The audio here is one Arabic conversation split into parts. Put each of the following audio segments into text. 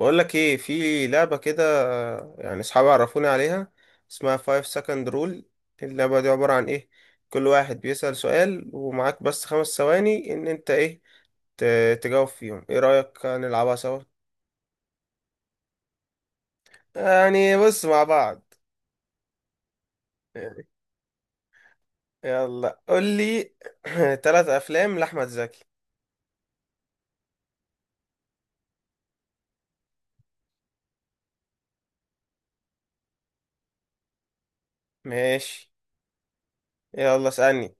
بقول لك ايه في لعبة كده. يعني اصحابي عرفوني عليها. اسمها 5 second rule. اللعبة دي عبارة عن ايه؟ كل واحد بيسأل سؤال ومعاك بس خمس ثواني ان انت ايه، تجاوب فيهم. ايه رأيك نلعبها سوا؟ يعني بص مع بعض. يلا قول لي. تلات افلام لأحمد زكي. ماشي، يلا اسألني.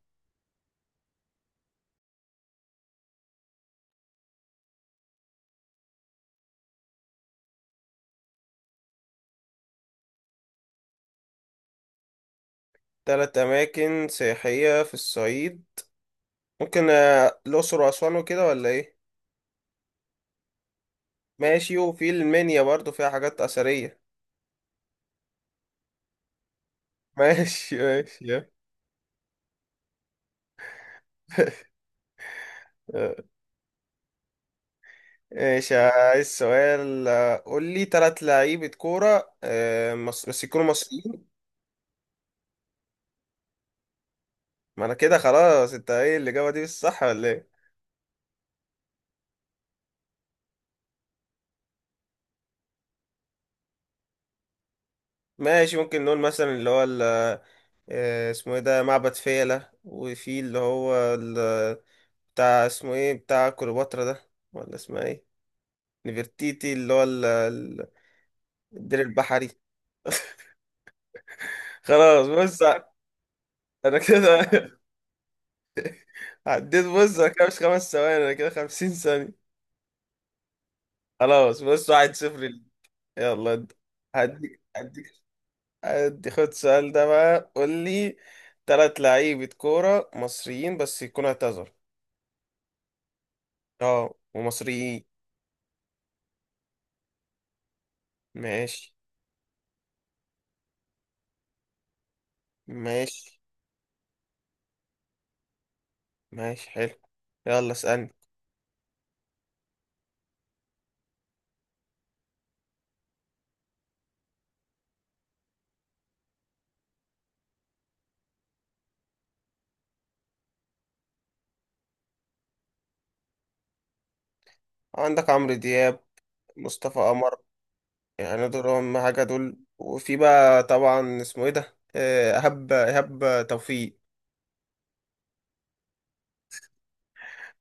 تلات اماكن سياحية في الصعيد. ممكن الاقصر واسوان وكده، ولا ايه؟ ماشي، وفي المنيا برضو فيها حاجات أثرية. ماشي ماشي يا ماشي، عايز سؤال. قول لي ثلاث لعيبة كورة مصر، بس يكونوا مصريين. ما انا كده خلاص. انت ايه الإجابة دي؟ مش صح ولا ايه؟ ماشي، ممكن نقول مثلا اسمه ايه ده، معبد فيلة. وفي بتاع، اسمه ايه، بتاع كليوباترا ده، ولا اسمها ايه، نفرتيتي. اللي هو ال- ال- الدير البحري. خلاص بص، انا كده عديت. بص انا كده مش خمس ثواني، انا كده خمسين ثانية. خلاص بص، واحد صفر لي. يلا انت. هديك، هدي، خد السؤال ده بقى، قول لي تلات لعيبة كورة مصريين بس يكونوا اعتذروا. اه، ومصريين. ماشي. ماشي. ماشي حلو، يلا اسألني. عندك عمرو دياب، مصطفى قمر، يعني دول هم حاجة. دول وفي بقى طبعا اسمه ايه ده، إيهاب توفيق.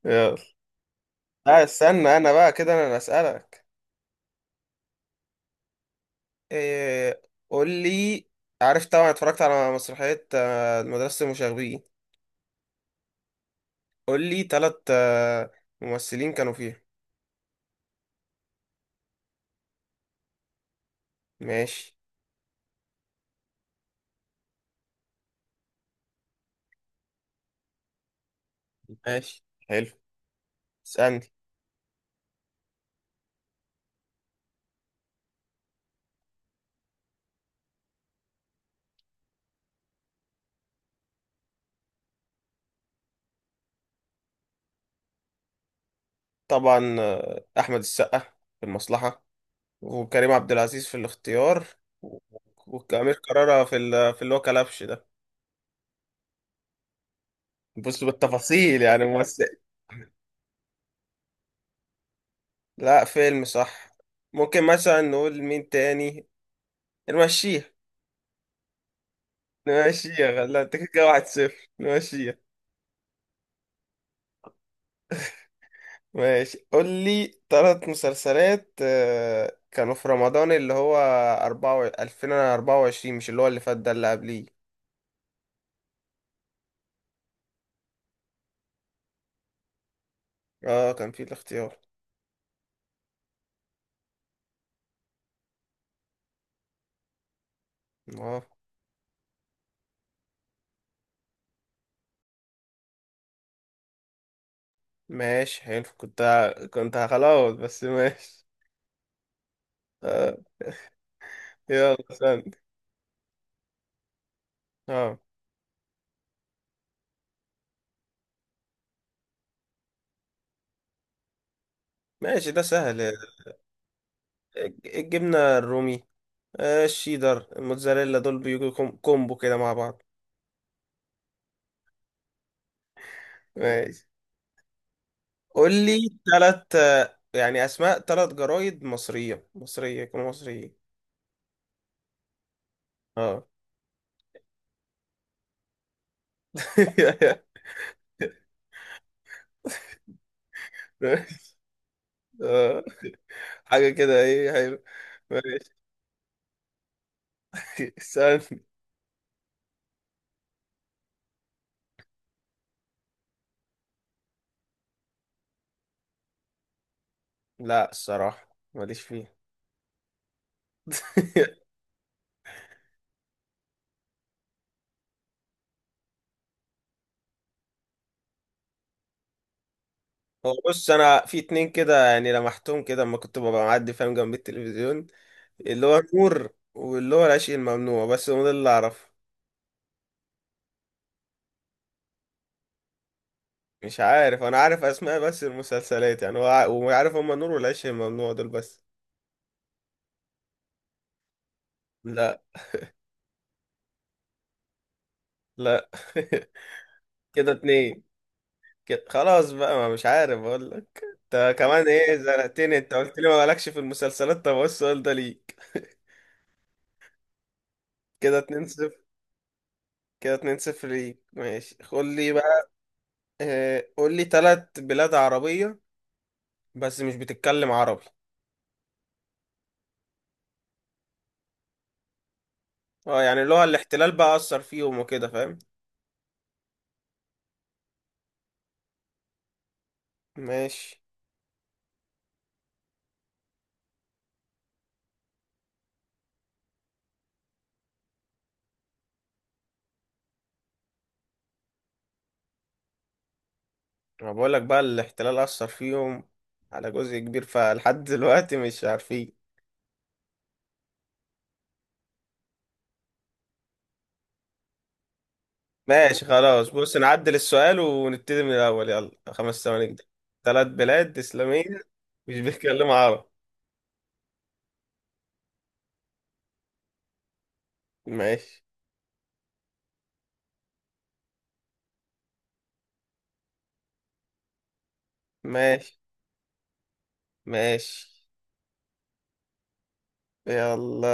يلا. لا، استنى، انا بقى كده انا اللي اسألك. إيه، قول لي. عارف طبعا اتفرجت على مسرحية مدرسة المشاغبين. قول لي تلات ممثلين كانوا فيها. ماشي. ماشي حلو. اسألني. طبعا أحمد السقا في المصلحة، وكريم عبد العزيز في الاختيار، و- وأمير كرارة في اللي هو كلبش ده. بص بالتفاصيل يعني ممثل. لا، فيلم صح. ممكن مثلا نقول مين تاني، نمشيها. نمشيها؟ لا، انت كده واحد صفر، نمشيها. ماشي، قول لي ثلاث مسلسلات كانوا في رمضان اللي هو أربعة و... 2024، مش اللي هو اللي فات ده، اللي قبليه. اه، كان في الاختيار. اه، ماشي حلو. كنت هخلاص، بس ماشي. آه. يلا استنى. اه، ماشي، ده سهل. الجبنة الرومي، آه الشيدر، الموتزاريلا، دول بيجوا كومبو كده مع بعض. ماشي، قول لي ثلاث، يعني أسماء ثلاث جرايد مصرية، مصرية، يكونوا مصريين. اه ماشي. آه، حاجة كده ايه حلو، ماشي استنى. لا، الصراحة ماليش فيه. هو بص، انا في اتنين كده يعني لمحتهم كده اما كنت ببقى معدي، فاهم، جنب التلفزيون، اللي هو النور واللي هو العشق الممنوع، بس هو ده اللي اعرفه. مش عارف، انا عارف اسماء بس المسلسلات، يعني هو وعارف هما النور والعشق الممنوع دول بس. لا، لا كده اتنين. كده خلاص بقى، ما مش عارف اقول لك انت كمان ايه، زنقتني، انت قلت لي ما مالكش في المسلسلات، طب هو السؤال ده ليك كده 2-0. كده 2-0 ليك، ماشي قول لي بقى. قول لي ثلاث بلاد عربية، بس مش بتتكلم عربي. اه، يعني اللي هو الاحتلال بقى أثر فيهم وكده، فاهم. ماشي، انا بقول لك بقى الاحتلال أثر فيهم على جزء كبير، فلحد دلوقتي مش عارفين. ماشي خلاص، بص، نعدل السؤال ونبتدي من الأول، يلا خمس ثواني كده. ثلاث بلاد إسلامية مش بيتكلموا عربي. ماشي. ماشي. ماشي. يلا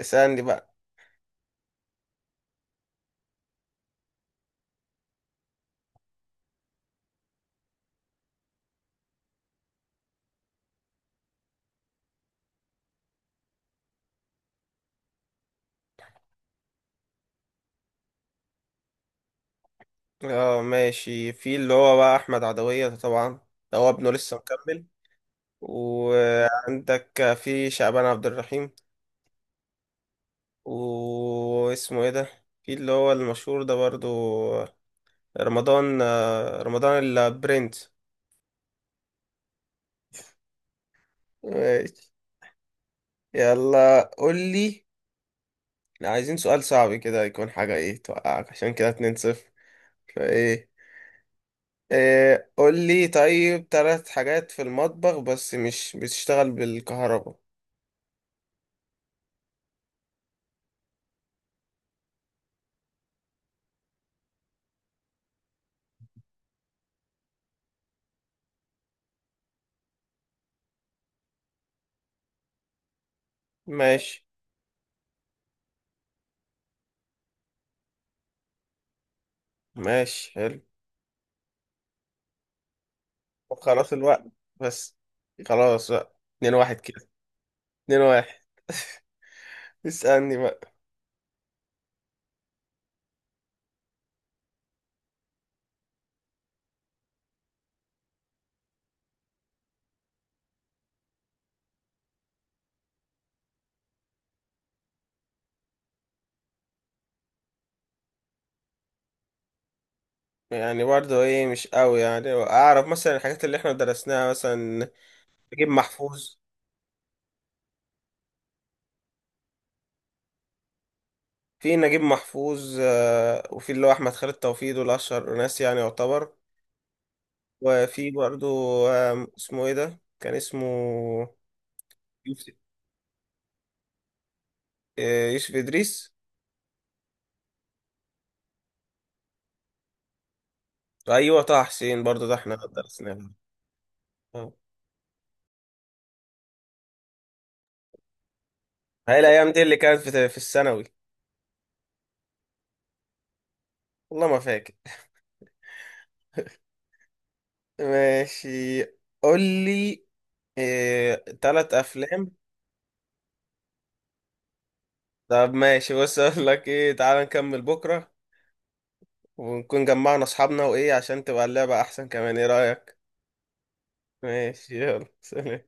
اسألني بقى. اه، ماشي، في اللي هو بقى أحمد عدوية ده طبعا، ده هو ابنه لسه مكمل. وعندك في شعبان عبد الرحيم. واسمه ايه ده، في اللي هو المشهور ده برضو، رمضان البرنس. يلا قول لي. عايزين سؤال صعب كده، يكون حاجة ايه، توقعك، عشان كده 2 صفر. فايه، إيه قول لي؟ طيب، ثلاث حاجات في المطبخ بس مش بتشتغل بالكهرباء. ماشي. ماشي حلو. طب خلاص، الوقت بس، خلاص بقى اتنين واحد كده. اتنين واحد. اسألني بقى. يعني برضه ايه، مش قوي يعني، اعرف مثلا الحاجات اللي احنا درسناها مثلا. نجيب محفوظ. في نجيب محفوظ، وفي اللي هو احمد خالد توفيق، دول اشهر ناس يعني، يعتبر. وفي برضو اسمه ايه ده، كان اسمه يوسف، يوسف ادريس. ايوه، طه حسين برضو ده احنا درسناه. آه. هاي الايام دي اللي كانت في الثانوي. والله ما فاكر. ماشي، قول لي آه، تلات افلام. طب ماشي، بص اقول لك ايه، تعال نكمل بكره، ونكون جمعنا اصحابنا وايه، عشان تبقى اللعبه احسن كمان. ايه رايك؟ ماشي، يلا سلام.